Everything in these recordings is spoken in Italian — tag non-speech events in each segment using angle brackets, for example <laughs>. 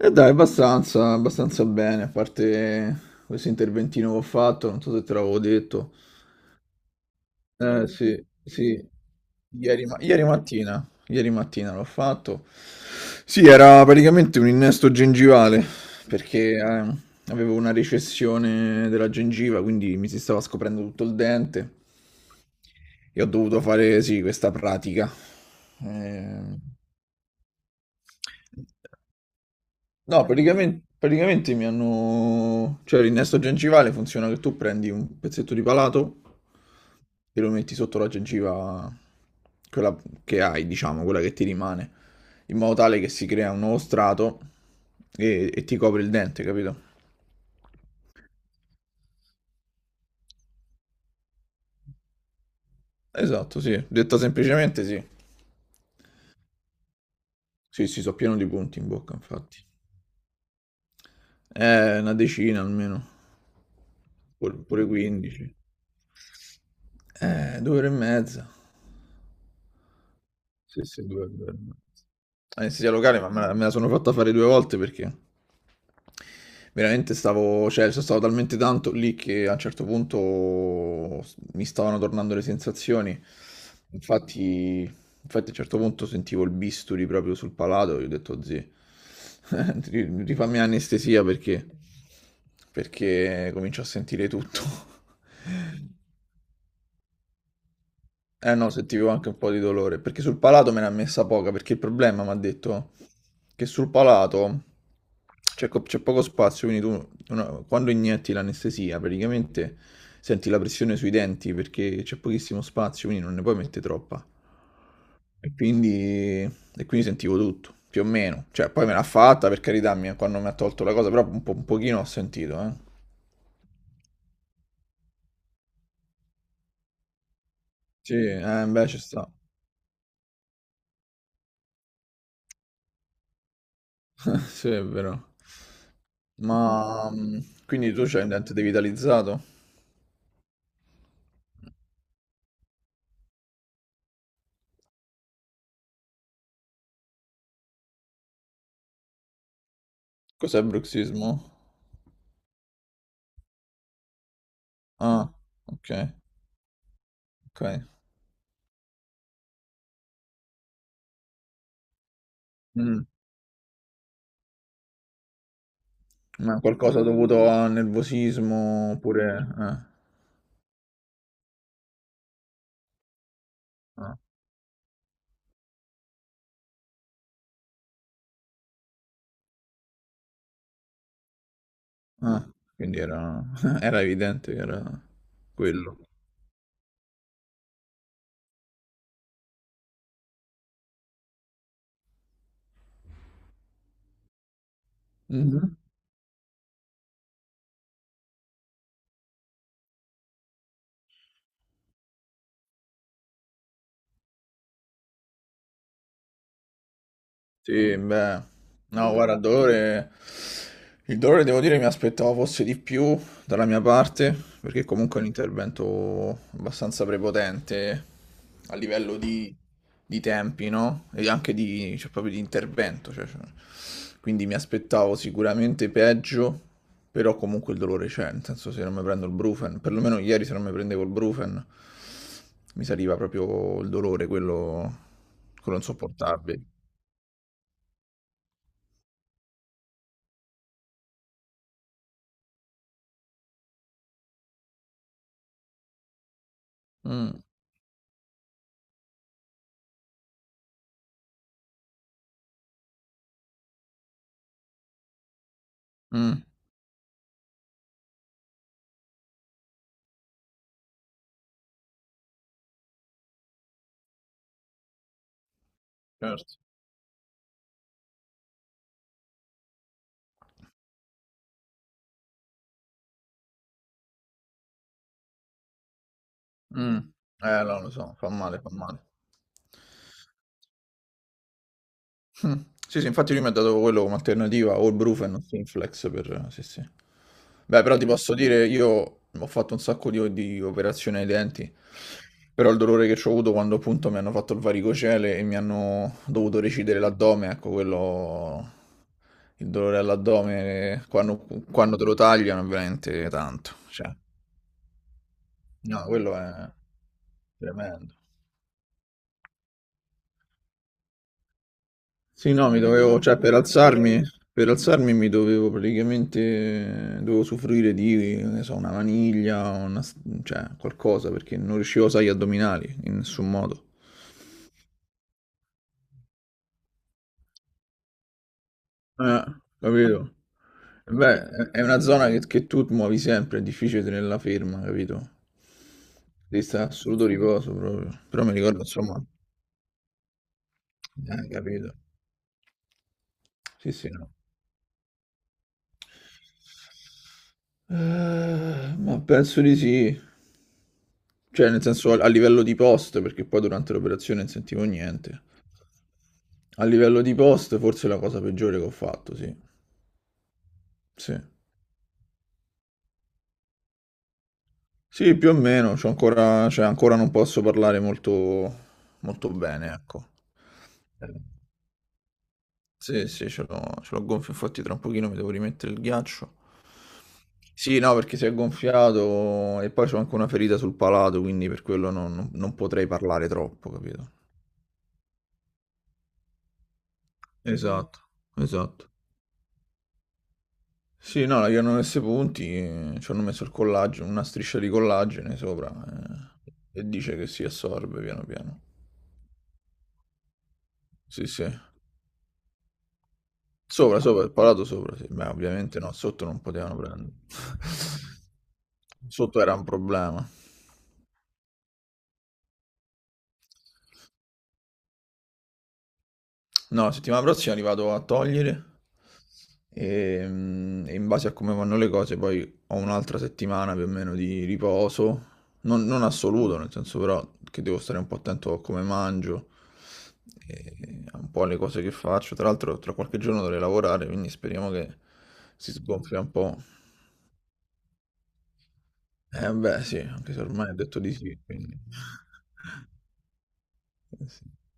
E dai, abbastanza, abbastanza bene, a parte questo interventino che ho fatto, non so se te l'avevo detto. Eh sì, sì, ieri mattina l'ho fatto. Sì, era praticamente un innesto gengivale, perché avevo una recessione della gengiva, quindi mi si stava scoprendo tutto il dente e ho dovuto fare, sì, questa pratica. Eh, No, praticamente mi hanno... Cioè l'innesto gengivale funziona che tu prendi un pezzetto di palato e lo metti sotto la gengiva, quella che hai, diciamo, quella che ti rimane, in modo tale che si crea un nuovo strato e ti copre il dente, capito? Esatto, sì. Detta semplicemente sì. Sì, sì, so pieno di punti in bocca, infatti. Una decina almeno, pure 15. 2 ore e mezza. Sì, sì, due e due. Anestesia locale, ma me la sono fatta fare 2 volte perché veramente stavo, cioè, sono stato talmente tanto lì che a un certo punto mi stavano tornando le sensazioni. Infatti, Infatti a un certo punto sentivo il bisturi proprio sul palato e ho detto, zì, <laughs> rifammi anestesia perché comincio a sentire tutto. <laughs> Eh no, sentivo anche un po' di dolore, perché sul palato me ne ha messa poca, perché il problema mi ha detto che sul palato c'è poco spazio, quindi quando inietti l'anestesia praticamente senti la pressione sui denti perché c'è pochissimo spazio, quindi non ne puoi mettere troppa. E quindi, e quindi sentivo tutto, più o meno. Cioè, poi me l'ha fatta, per carità, quando mi ha tolto la cosa, però un po', un pochino ho sentito, eh. Sì, beh, ci sta. <laughs> Sì, è vero. Ma quindi tu c'hai un dente devitalizzato? Cos'è bruxismo? Ah, ok, ok. Mm, ma qualcosa dovuto a nervosismo oppure... eh, ah, ah, quindi <laughs> era evidente che era quello. Sì, beh, no, guarda, il dolore devo dire mi aspettavo fosse di più dalla mia parte, perché comunque è un intervento abbastanza prepotente a livello di tempi, no? E anche di, cioè, proprio di intervento, cioè, quindi mi aspettavo sicuramente peggio, però comunque il dolore c'è, nel senso se non mi prendo il Brufen, perlomeno ieri se non mi prendevo il Brufen, mi saliva proprio il dolore, quello insopportabile. Mm. Mh, certo. Mh. No, lo so, fa male, fa male. Mh. Sì, sì, infatti lui mi ha dato quello come alternativa, o il Brufen o Synflex per sì, sì. Beh, però ti posso dire, io ho fatto un sacco di operazioni ai denti, però il dolore che c'ho avuto quando appunto mi hanno fatto il varicocele e mi hanno dovuto recidere l'addome, ecco quello, il dolore all'addome quando te lo tagliano è veramente tanto, cioè no, quello è tremendo. Sì, no, mi dovevo, cioè per alzarmi mi dovevo praticamente, dovevo usufruire di, che ne so, una maniglia, cioè qualcosa, perché non riuscivo a usare gli addominali in nessun modo. Eh, capito? Beh, è una zona che tu muovi sempre, è difficile tenerla ferma, capito? Devi stare assoluto riposo proprio. Però mi ricordo, insomma, capito? Sì, sì, no. Ma penso di sì. Cioè, nel senso a livello di post, perché poi durante l'operazione non sentivo niente. A livello di post, forse è la cosa peggiore che ho fatto, sì. Sì, sì, più o meno, c'ho ancora, cioè, ancora non posso parlare molto, molto bene, ecco. Eh, Sì, sì, ce l'ho gonfio, infatti tra un pochino mi devo rimettere il ghiaccio. Sì, no, perché si è gonfiato e poi c'ho anche una ferita sul palato, quindi per quello non potrei parlare troppo, capito? Esatto, esatto. Sì, no, gli hanno messo i punti, ci hanno messo il collagene, una striscia di collagene sopra eh, e dice che si assorbe piano piano. Sì, sì. Sopra, sopra, il palato sopra, sì. Beh, ovviamente no, sotto non potevano prendere. <laughs> Sotto era un problema. No, la settimana prossima li vado a togliere e in base a come vanno le cose poi ho un'altra settimana più o meno di riposo, non assoluto, nel senso però che devo stare un po' attento a come mangio, e a un po' alle cose che faccio. Tra l'altro tra qualche giorno dovrei lavorare, quindi speriamo che si sgonfia un po'. Eh beh sì, anche se ormai ho detto di sì, quindi... <laughs>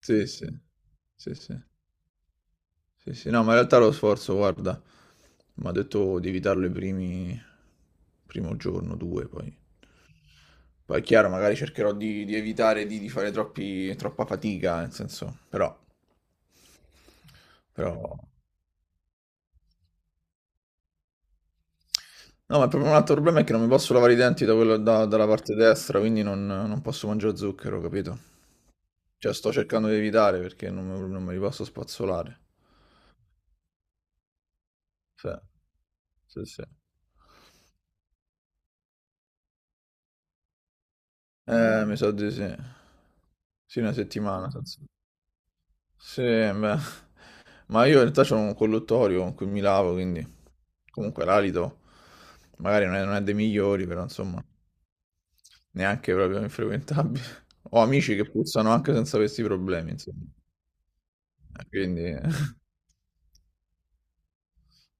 Sì, sì, sì, sì. Sì, sì, no, ma in realtà lo sforzo, guarda, mi ha detto di evitarlo primo giorno, due, poi. Poi è chiaro, magari cercherò di evitare di fare troppa fatica, nel senso, però... No, ma proprio un altro problema è che non mi posso lavare i denti dalla parte destra, quindi non posso mangiare zucchero, capito? Cioè, sto cercando di evitare perché non me li posso spazzolare. Sì, sì, sì. Mi sa di sì. Sì, una settimana, sì, beh. Ma io in realtà c'ho un colluttorio con cui mi lavo, quindi comunque l'alito magari non è dei migliori, però insomma, neanche proprio infrequentabile. <laughs> Ho amici che puzzano anche senza questi problemi, insomma. Quindi <laughs>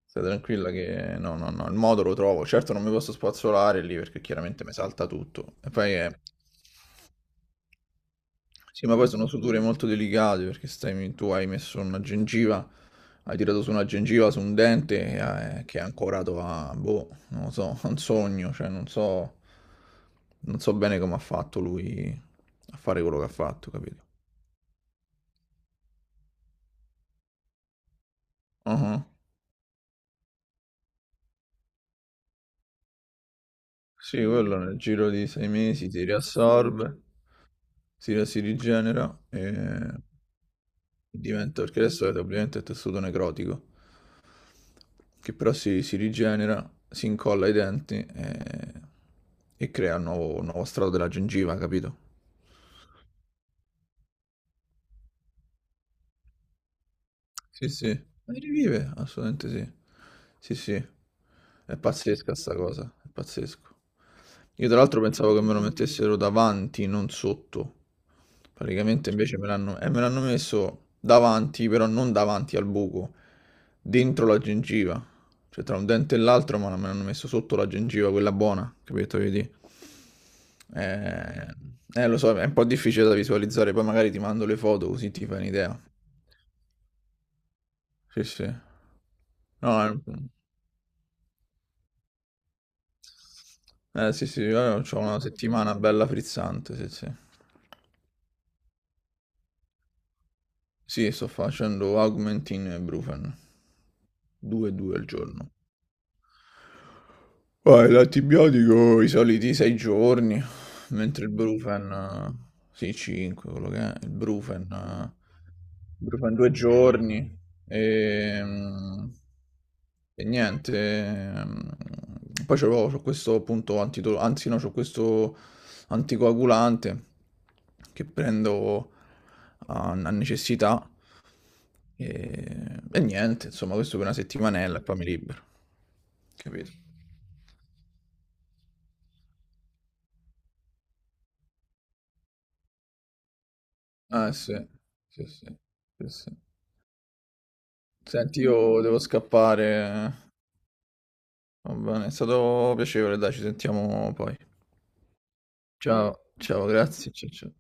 stai tranquilla che no, no, no, il modo lo trovo. Certo non mi posso spazzolare lì perché chiaramente mi salta tutto. E poi è Sì, ma poi sono suture molto delicate perché stai, tu hai messo una gengiva, hai tirato su una gengiva su un dente che è ancorato a, boh, non lo so, <laughs> a un sogno, cioè non so bene come ha fatto lui a fare quello che ha fatto, capito? Ah, sì, quello nel giro di 6 mesi si riassorbe, si rigenera e diventa, perché adesso è ovviamente tessuto necrotico. Che però si rigenera, si incolla ai denti e crea un nuovo strato della gengiva, capito? Sì, sì, ma rivive, assolutamente sì. Sì, sì, è pazzesca sta cosa, è pazzesco. Io tra l'altro pensavo che me lo mettessero davanti, non sotto. Praticamente invece me l'hanno messo davanti, però non davanti al buco, dentro la gengiva. Cioè tra un dente e l'altro, ma me l'hanno messo sotto la gengiva, quella buona, capito? Vedi? Eh, Lo so, è un po' difficile da visualizzare, poi magari ti mando le foto così ti fai un'idea. Sì, sì. No, sì, sì, io ho una settimana bella frizzante, sì, sì. Sì, sto facendo Augmentin e Brufen, due e due al giorno. Poi l'antibiotico i soliti 6 giorni, mentre il Brufen, sì, 5, quello che è, il Brufen, Brufen 2 giorni. Ehm, E, niente. Poi c'ho questo appunto anzi no, c'ho questo anticoagulante che prendo a necessità. E niente, insomma, questo per una settimanella e poi mi libero. Capito? Ah, sì, sì, sì, sì, sì. Senti, io devo scappare. Va bene, è stato piacevole, dai, ci sentiamo poi. Ciao, ciao, grazie, ciao, ciao.